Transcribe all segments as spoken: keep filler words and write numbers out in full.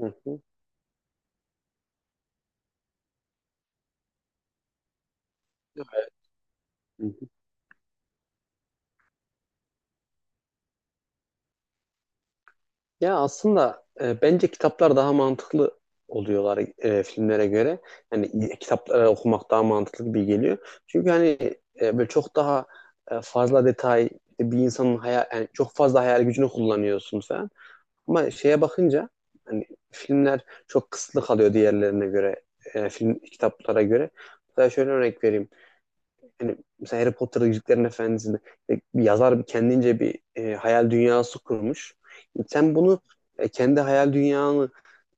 Hı hı. Hı hı. Ya aslında e, bence kitaplar daha mantıklı oluyorlar e, filmlere göre. Yani kitapları okumak daha mantıklı gibi geliyor. Çünkü hani e, böyle çok daha e, fazla detay işte bir insanın hayal yani çok fazla hayal gücünü kullanıyorsun falan. Ama şeye bakınca hani filmler çok kısıtlı kalıyor diğerlerine göre. E, film kitaplara göre. Mesela şöyle örnek vereyim. Hani mesela Harry Potter Yüzüklerin Efendisi'nde e, bir yazar kendince bir e, hayal dünyası kurmuş. Sen bunu e, kendi hayal dünyanı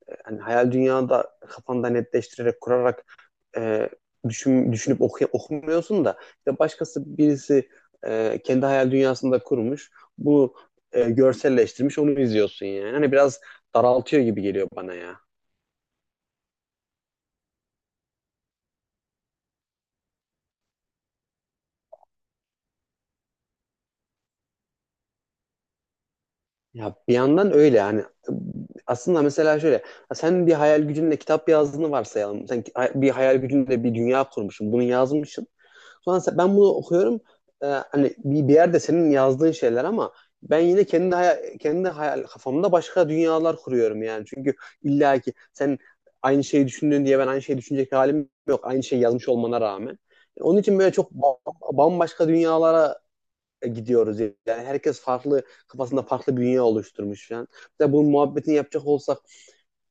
e, hani hayal dünyada kafanda netleştirerek kurarak e, düşün, düşünüp okuy- okumuyorsun da işte başkası birisi e, kendi hayal dünyasında kurmuş. Bunu e, görselleştirmiş onu izliyorsun yani. Hani biraz daraltıyor gibi geliyor bana ya. Ya bir yandan öyle yani. Aslında mesela şöyle, sen bir hayal gücünle kitap yazdığını varsayalım. Sen ki- hay- bir hayal gücünle bir dünya kurmuşsun, bunu yazmışsın. Sonra sen- ben bunu okuyorum. Ee, Hani bir, bir yerde senin yazdığın şeyler ama ben yine kendi hayal, kendi hayal kafamda başka dünyalar kuruyorum yani. Çünkü illa ki sen aynı şeyi düşündün diye ben aynı şeyi düşünecek halim yok. Aynı şeyi yazmış olmana rağmen. Onun için böyle çok ba- bambaşka dünyalara gidiyoruz yani. Herkes farklı kafasında farklı bir dünya oluşturmuş falan. Mesela bunun muhabbetini yapacak olsak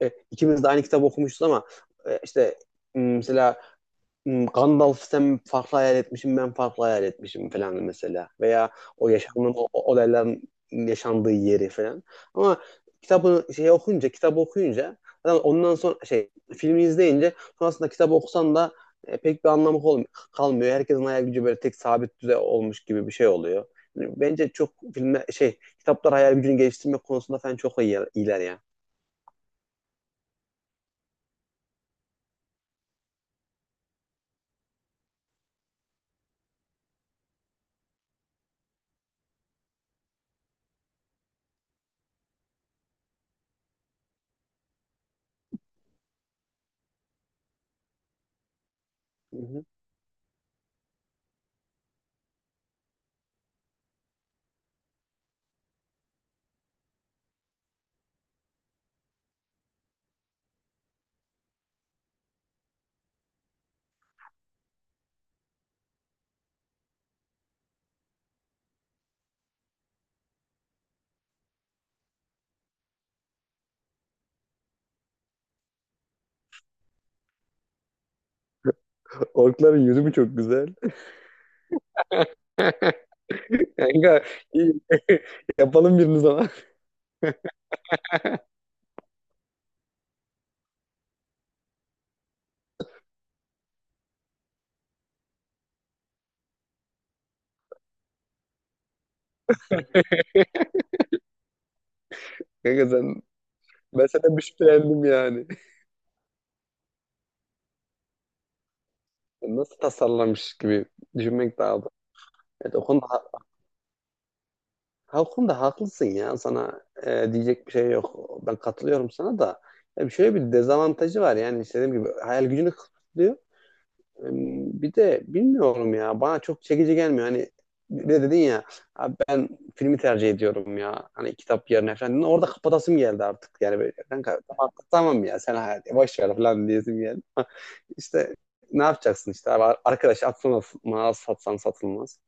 e, ikimiz de aynı kitap okumuşuz ama e, işte mesela Hmm, Gandalf sen farklı hayal etmişim ben farklı hayal etmişim falan mesela. Veya o yaşamın o o olayların yaşandığı yeri falan. Ama kitabı şey okuyunca kitabı okuyunca zaten ondan sonra şey filmi izleyince sonrasında kitabı okusan da e, pek bir anlamı kol- kalmıyor. Herkesin hayal gücü böyle tek sabit düzey olmuş gibi bir şey oluyor. Bence çok filme şey Kitaplar hayal gücünü geliştirmek konusunda falan çok iyi, iyiler ya. Hı hı. Orkların yüzü mü çok güzel? Kanka iyi. Yapalım birini zaman. Kanka sen ben senden bir şüphelendim yani. Nasıl tasarlamış gibi düşünmek daha da. Evet, o konuda Halkunda haklısın ya sana e, diyecek bir şey yok. Ben katılıyorum sana da. Ya bir şöyle bir dezavantajı var yani işte dediğim gibi hayal gücünü kısıtlıyor. E, Bir de bilmiyorum ya bana çok çekici gelmiyor. Hani bir de dedin ya abi ben filmi tercih ediyorum ya. Hani kitap yerine falan. Orada kapatasım geldi artık. Yani böyle kanka tamam, tamam ya sen hayal boş ver falan diyesim geldi. İşte ne yapacaksın işte abi arkadaş atsan atılmaz satsan satılmaz.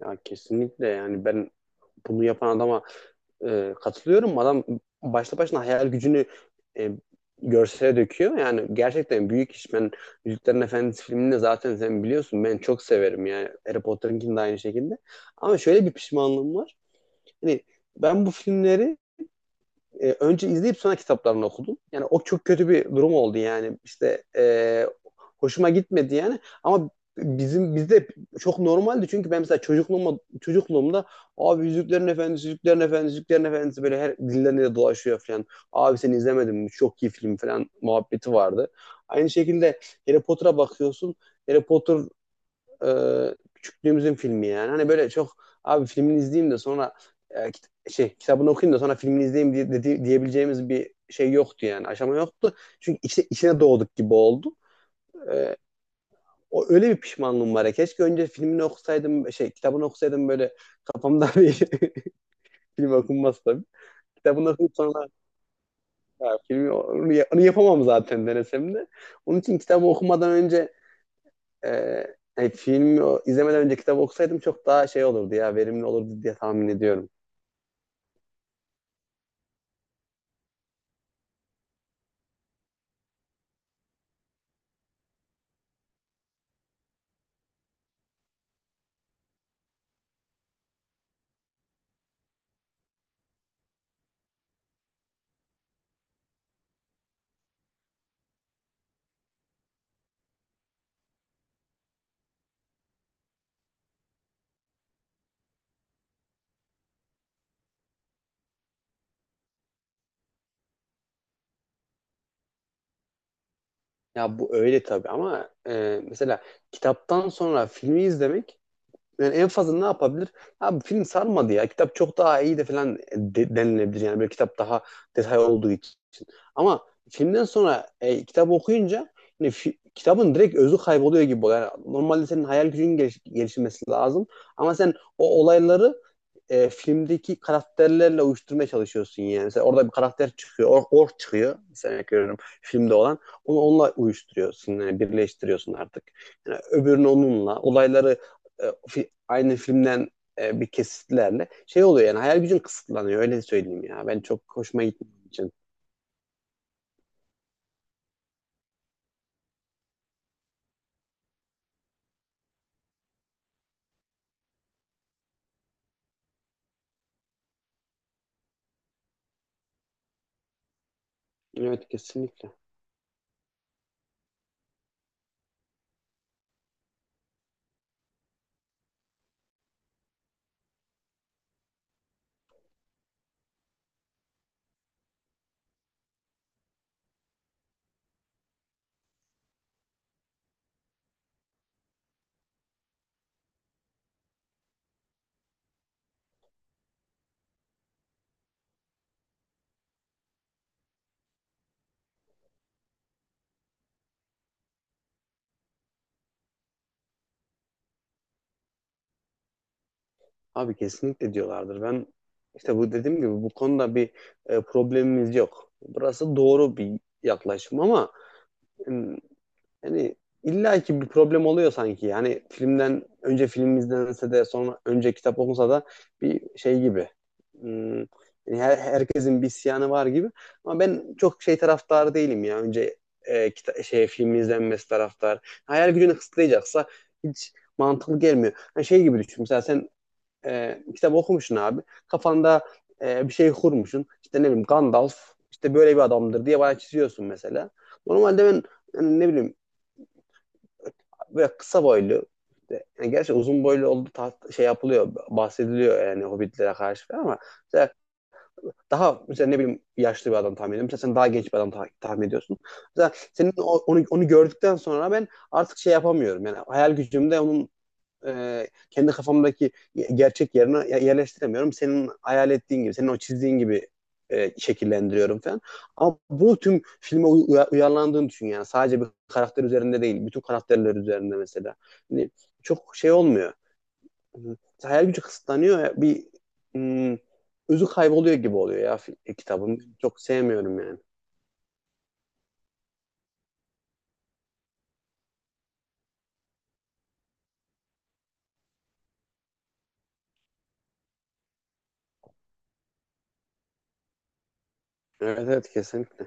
Ya kesinlikle yani ben bunu yapan adama e, katılıyorum. Adam başta başına hayal gücünü e, görsele döküyor. Yani gerçekten büyük iş. Ben Yüzüklerin Efendisi filmini zaten sen biliyorsun. Ben çok severim yani. Harry Potter'ınkini de aynı şekilde. Ama şöyle bir pişmanlığım var. Hani ben bu filmleri e, önce izleyip sonra kitaplarını okudum. Yani o çok kötü bir durum oldu yani. İşte e, hoşuma gitmedi yani. Ama bizim bizde çok normaldi çünkü ben mesela çocukluğumda çocukluğumda abi Yüzüklerin Efendisi, Yüzüklerin Efendisi, Yüzüklerin Efendisi böyle her dillerinde de dolaşıyor falan. Abi sen izlemedin mi? Çok iyi film falan muhabbeti vardı. Aynı şekilde Harry Potter'a bakıyorsun. Harry Potter e, küçüklüğümüzün filmi yani. Hani böyle çok abi filmini izleyeyim de sonra e, kit- şey kitabını okuyayım da sonra filmini izleyeyim diye, dedi- diyebileceğimiz bir şey yoktu yani. Aşama yoktu. Çünkü içine, içine doğduk gibi oldu. E, O öyle bir pişmanlığım var ya. Keşke önce filmini okusaydım şey kitabını okusaydım böyle kafamda bir film okunmaz tabii. Kitabını okuyup sonra ya, filmi onu, onu yapamam zaten denesem de. Onun için kitabı okumadan önce Ee, hani filmi o- izlemeden önce kitap okusaydım çok daha şey olurdu ya verimli olurdu diye tahmin ediyorum. Ya bu öyle tabii ama e, mesela kitaptan sonra filmi izlemek yani en fazla ne yapabilir? Abi film sarmadı ya kitap çok daha iyi de falan de- denilebilir yani böyle kitap daha detay olduğu için. Ama filmden sonra e, kitap okuyunca hani fi- kitabın direkt özü kayboluyor gibi oluyor. Yani normalde senin hayal gücünün geliş- gelişmesi lazım ama sen o olayları e, filmdeki karakterlerle uyuşturmaya çalışıyorsun yani. Mesela orada bir karakter çıkıyor, or, ork çıkıyor. Mesela görüyorum filmde olan. Onu onunla uyuşturuyorsun yani birleştiriyorsun artık. Yani öbürünü onunla, olayları e, fi- aynı filmden e, bir kesitlerle şey oluyor yani hayal gücün kısıtlanıyor öyle söyleyeyim ya. Ben çok hoşuma gitmediği için. Evet kesinlikle. Abi kesinlikle diyorlardır. Ben işte bu dediğim gibi bu konuda bir e, problemimiz yok. Burası doğru bir yaklaşım ama hmm, yani illa ki bir problem oluyor sanki. Yani filmden önce film izlense de sonra önce kitap okunsa da bir şey gibi. Hmm, yani her, herkesin bir isyanı var gibi. Ama ben çok şey taraftarı değilim ya. Önce e, kita- şey film izlenmesi taraftar. Hayal gücünü kısıtlayacaksa hiç mantıklı gelmiyor. Yani şey gibi düşün. Mesela sen e, kitap okumuşsun abi. Kafanda e, bir şey kurmuşsun. İşte ne bileyim Gandalf işte böyle bir adamdır diye bana çiziyorsun mesela. Normalde ben yani ne bileyim böyle kısa boylu. işte, Yani gerçi uzun boylu olduğu taht- şey yapılıyor, bahsediliyor yani Hobbitlere karşı falan ama mesela daha mesela ne bileyim yaşlı bir adam tahmin ediyorum. Mesela sen daha genç bir adam ta- tahmin ediyorsun. Mesela senin o- onu, onu gördükten sonra ben artık şey yapamıyorum. Yani hayal gücümde onun e, kendi kafamdaki gerçek yerine yerleştiremiyorum. Senin hayal ettiğin gibi, senin o çizdiğin gibi e, şekillendiriyorum falan. Ama bunu tüm filme uy- uyarlandığını düşün yani. Sadece bir karakter üzerinde değil, bütün karakterler üzerinde mesela. Hani çok şey olmuyor. Hayal gücü kısıtlanıyor. Bir hmm, özü kayboluyor gibi oluyor ya fi- kitabın. Çok sevmiyorum yani. Evet evet kesinlikle.